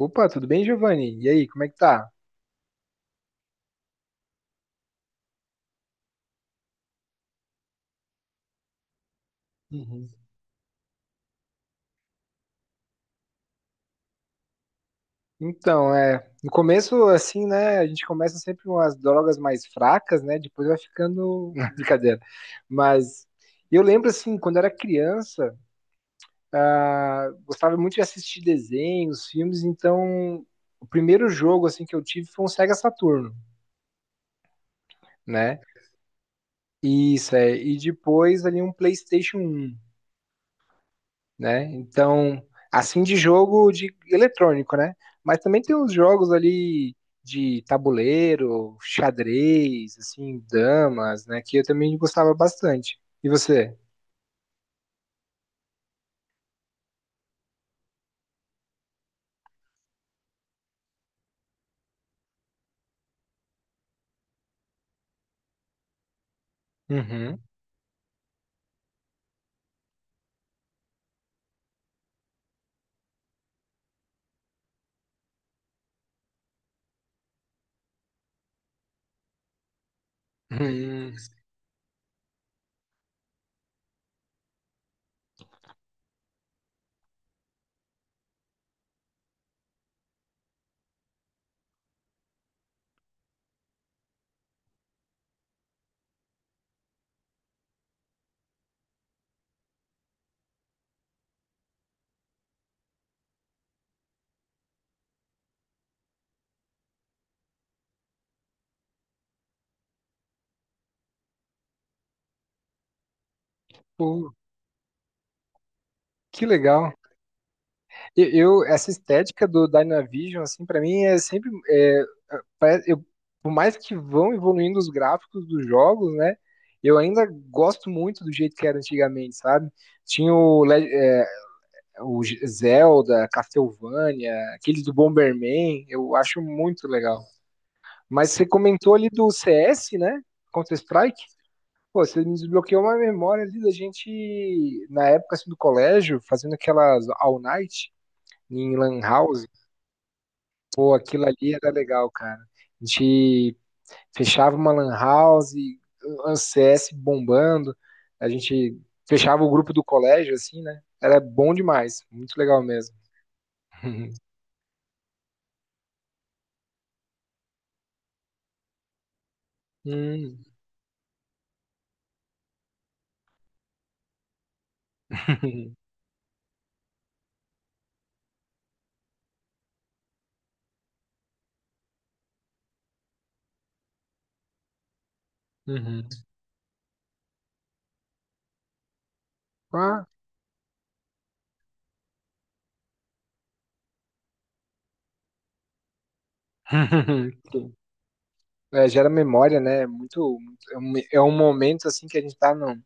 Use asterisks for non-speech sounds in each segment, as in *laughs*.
Opa, tudo bem, Giovanni? E aí, como é que tá? Uhum. Então, no começo, assim, né, a gente começa sempre com as drogas mais fracas, né, depois vai ficando... *laughs* Brincadeira. Mas eu lembro, assim, quando era criança, ah, gostava muito de assistir desenhos, filmes, então o primeiro jogo, assim, que eu tive foi um Sega Saturno, né? Isso, é, e depois ali um PlayStation um, né? Então, assim, de jogo de eletrônico, né? Mas também tem uns jogos ali de tabuleiro, xadrez, assim, damas, né, que eu também gostava bastante. E você? Uhum. Hum, pô, que legal. Eu, Essa estética do Dynavision, assim, para mim é sempre, parece- eu, por mais que vão evoluindo os gráficos dos jogos, né? Eu ainda gosto muito do jeito que era antigamente, sabe? Tinha o Zelda, Castlevania, aquele do Bomberman, eu acho muito legal. Mas você comentou ali do CS, né? Counter-Strike. Pô, você me desbloqueou uma memória ali da gente, na época, assim, do colégio, fazendo aquelas all night em Lan House. Pô, aquilo ali era legal, cara. A gente fechava uma Lan House, um CS bombando. A gente fechava o grupo do colégio, assim, né? Era bom demais, muito legal mesmo. *laughs* Hum. Uhum. Uhum. Ah. *laughs* Sim. É, gera memória, né? É muito, muito- é um momento, assim, que a gente tá no,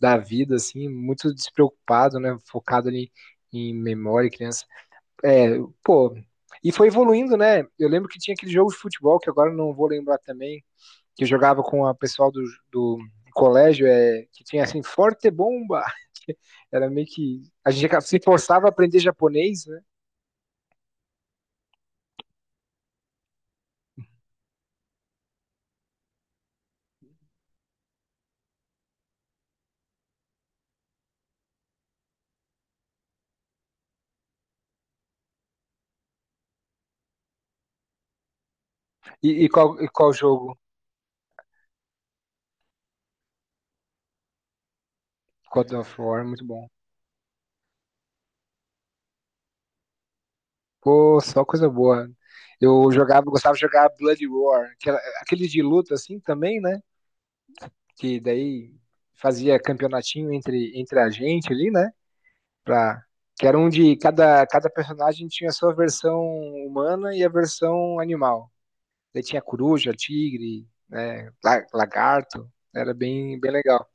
da vida, assim, muito despreocupado, né? Focado ali em memória, criança. É, pô, e foi evoluindo, né? Eu lembro que tinha aquele jogo de futebol que agora eu não vou lembrar também, que eu jogava com a pessoal do colégio, é, que tinha, assim, Forte Bomba. *laughs* Era meio que a gente se forçava a aprender japonês, né? E qual jogo? God of War, muito bom. Pô, só coisa boa. Eu jogava, gostava de jogar Blood Roar, que era- aquele de luta assim também, né? Que daí fazia campeonatinho entre, entre a gente ali, né? Pra, que era um de cada, cada personagem tinha a sua versão humana e a versão animal. Daí tinha coruja, tigre, né? La- Lagarto. Era bem, bem legal.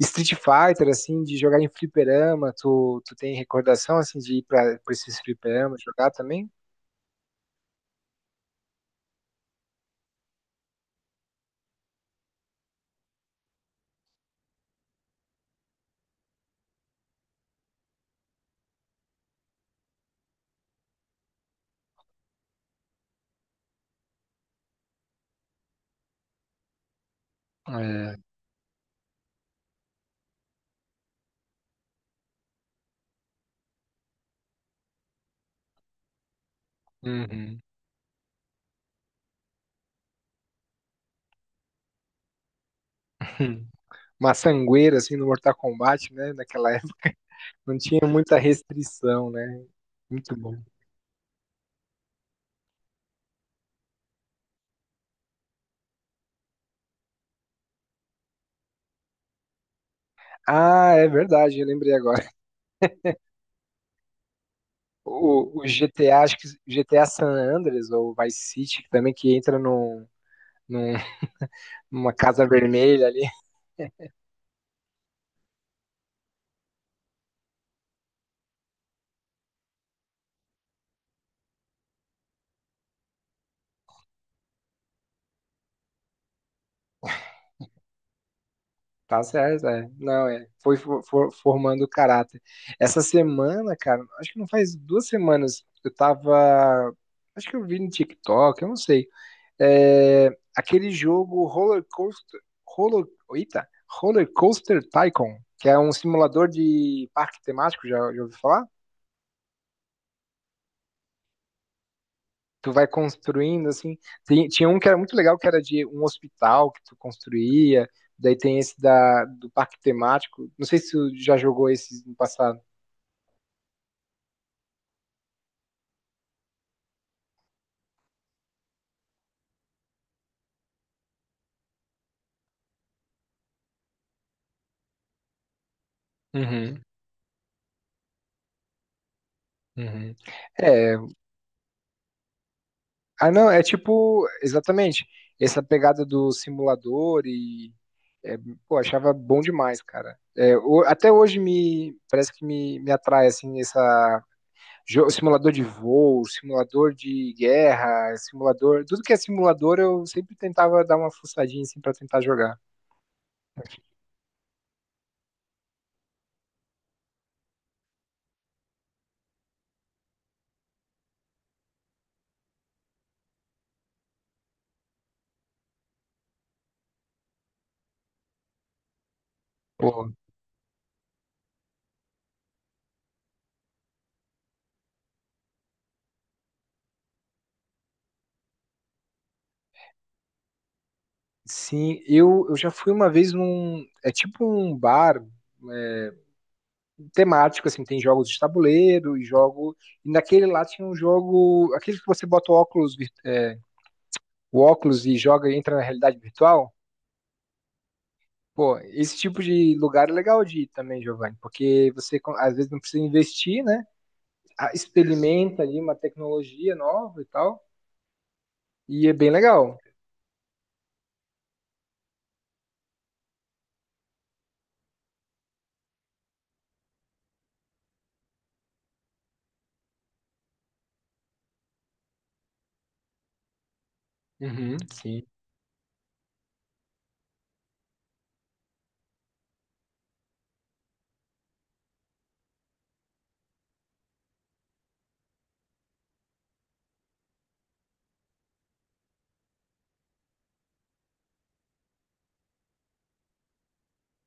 Street Fighter, assim, de jogar em fliperama, tu tem recordação, assim, de ir pra esses fliperama jogar também? É. Uhum. *laughs* Hum. Uma sangueira, assim, no Mortal Kombat, né? Naquela época não tinha muita restrição, né? Muito bom. Ah, é verdade, eu lembrei agora. O GTA, acho que GTA San Andreas ou Vice City, que também que entra num, num- numa casa vermelha ali. Tá certo, é. Não, é. Foi for- for- formando o caráter. Essa semana, cara, acho que não faz duas semanas, eu tava. Acho que eu vi no TikTok, eu não sei. É, aquele jogo Roller Coaster, Roller, eita, Roller Coaster Tycoon, que é um simulador de parque temático, já, já ouviu falar? Tu vai construindo assim. Tem- tinha um que era muito legal, que era de um hospital que tu construía. Daí tem esse da, do parque temático. Não sei se tu já jogou esse no passado. Uhum, uhum. É, ah, não, é tipo, exatamente, essa pegada do simulador e, é, pô, achava bom demais, cara. É, o- até hoje me, parece que me atrai, assim, essa, jo- simulador de voo, simulador de guerra, simulador, tudo que é simulador eu sempre tentava dar uma fuçadinha, assim, pra tentar jogar. Pô, sim, eu já fui uma vez num, é tipo um bar, é, temático, assim, tem jogos de tabuleiro e jogo. E naquele lá tinha um jogo. Aquele que você bota o óculos, é, o óculos e joga e entra na realidade virtual. Pô, esse tipo de lugar é legal de ir também, Giovanni, porque você co- às vezes não precisa investir, né? Ah, experimenta ali uma tecnologia nova e tal. E é bem legal. Uhum, sim.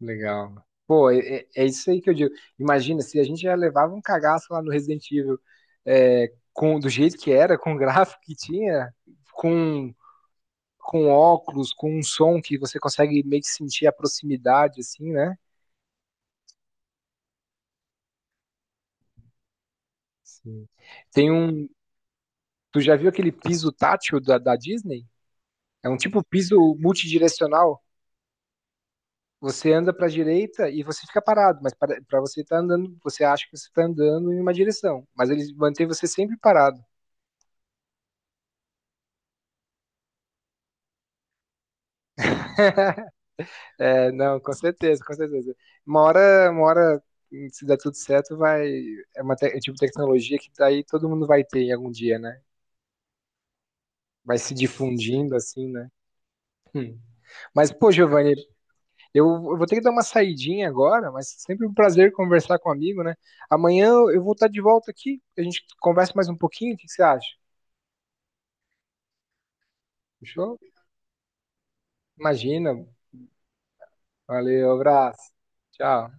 Legal. Pô, é, é é isso aí que eu digo. Imagina, se a gente já levava um cagaço lá no Resident Evil, é, com, do jeito que era, com o *laughs* gráfico que tinha, com, com óculos, com um som que você consegue meio que sentir a proximidade, assim, né? Sim. Tem um. Tu já viu aquele piso tátil da Disney? É um tipo piso multidirecional. Você anda para a direita e você fica parado, mas para você estar andando, você acha que você está andando em uma direção, mas eles mantêm você sempre parado. *laughs* É, não, com certeza, com certeza. Uma hora, se der tudo certo, vai. É uma te- é tipo de tecnologia que daí todo mundo vai ter em algum dia, né? Vai se difundindo assim, né? Hum. Mas, pô, Giovanni, eu vou ter que dar uma saidinha agora, mas sempre um prazer conversar com um amigo, né? Amanhã eu vou estar de volta aqui, a gente conversa mais um pouquinho, o que que você acha? Fechou? Imagina. Valeu, abraço. Tchau.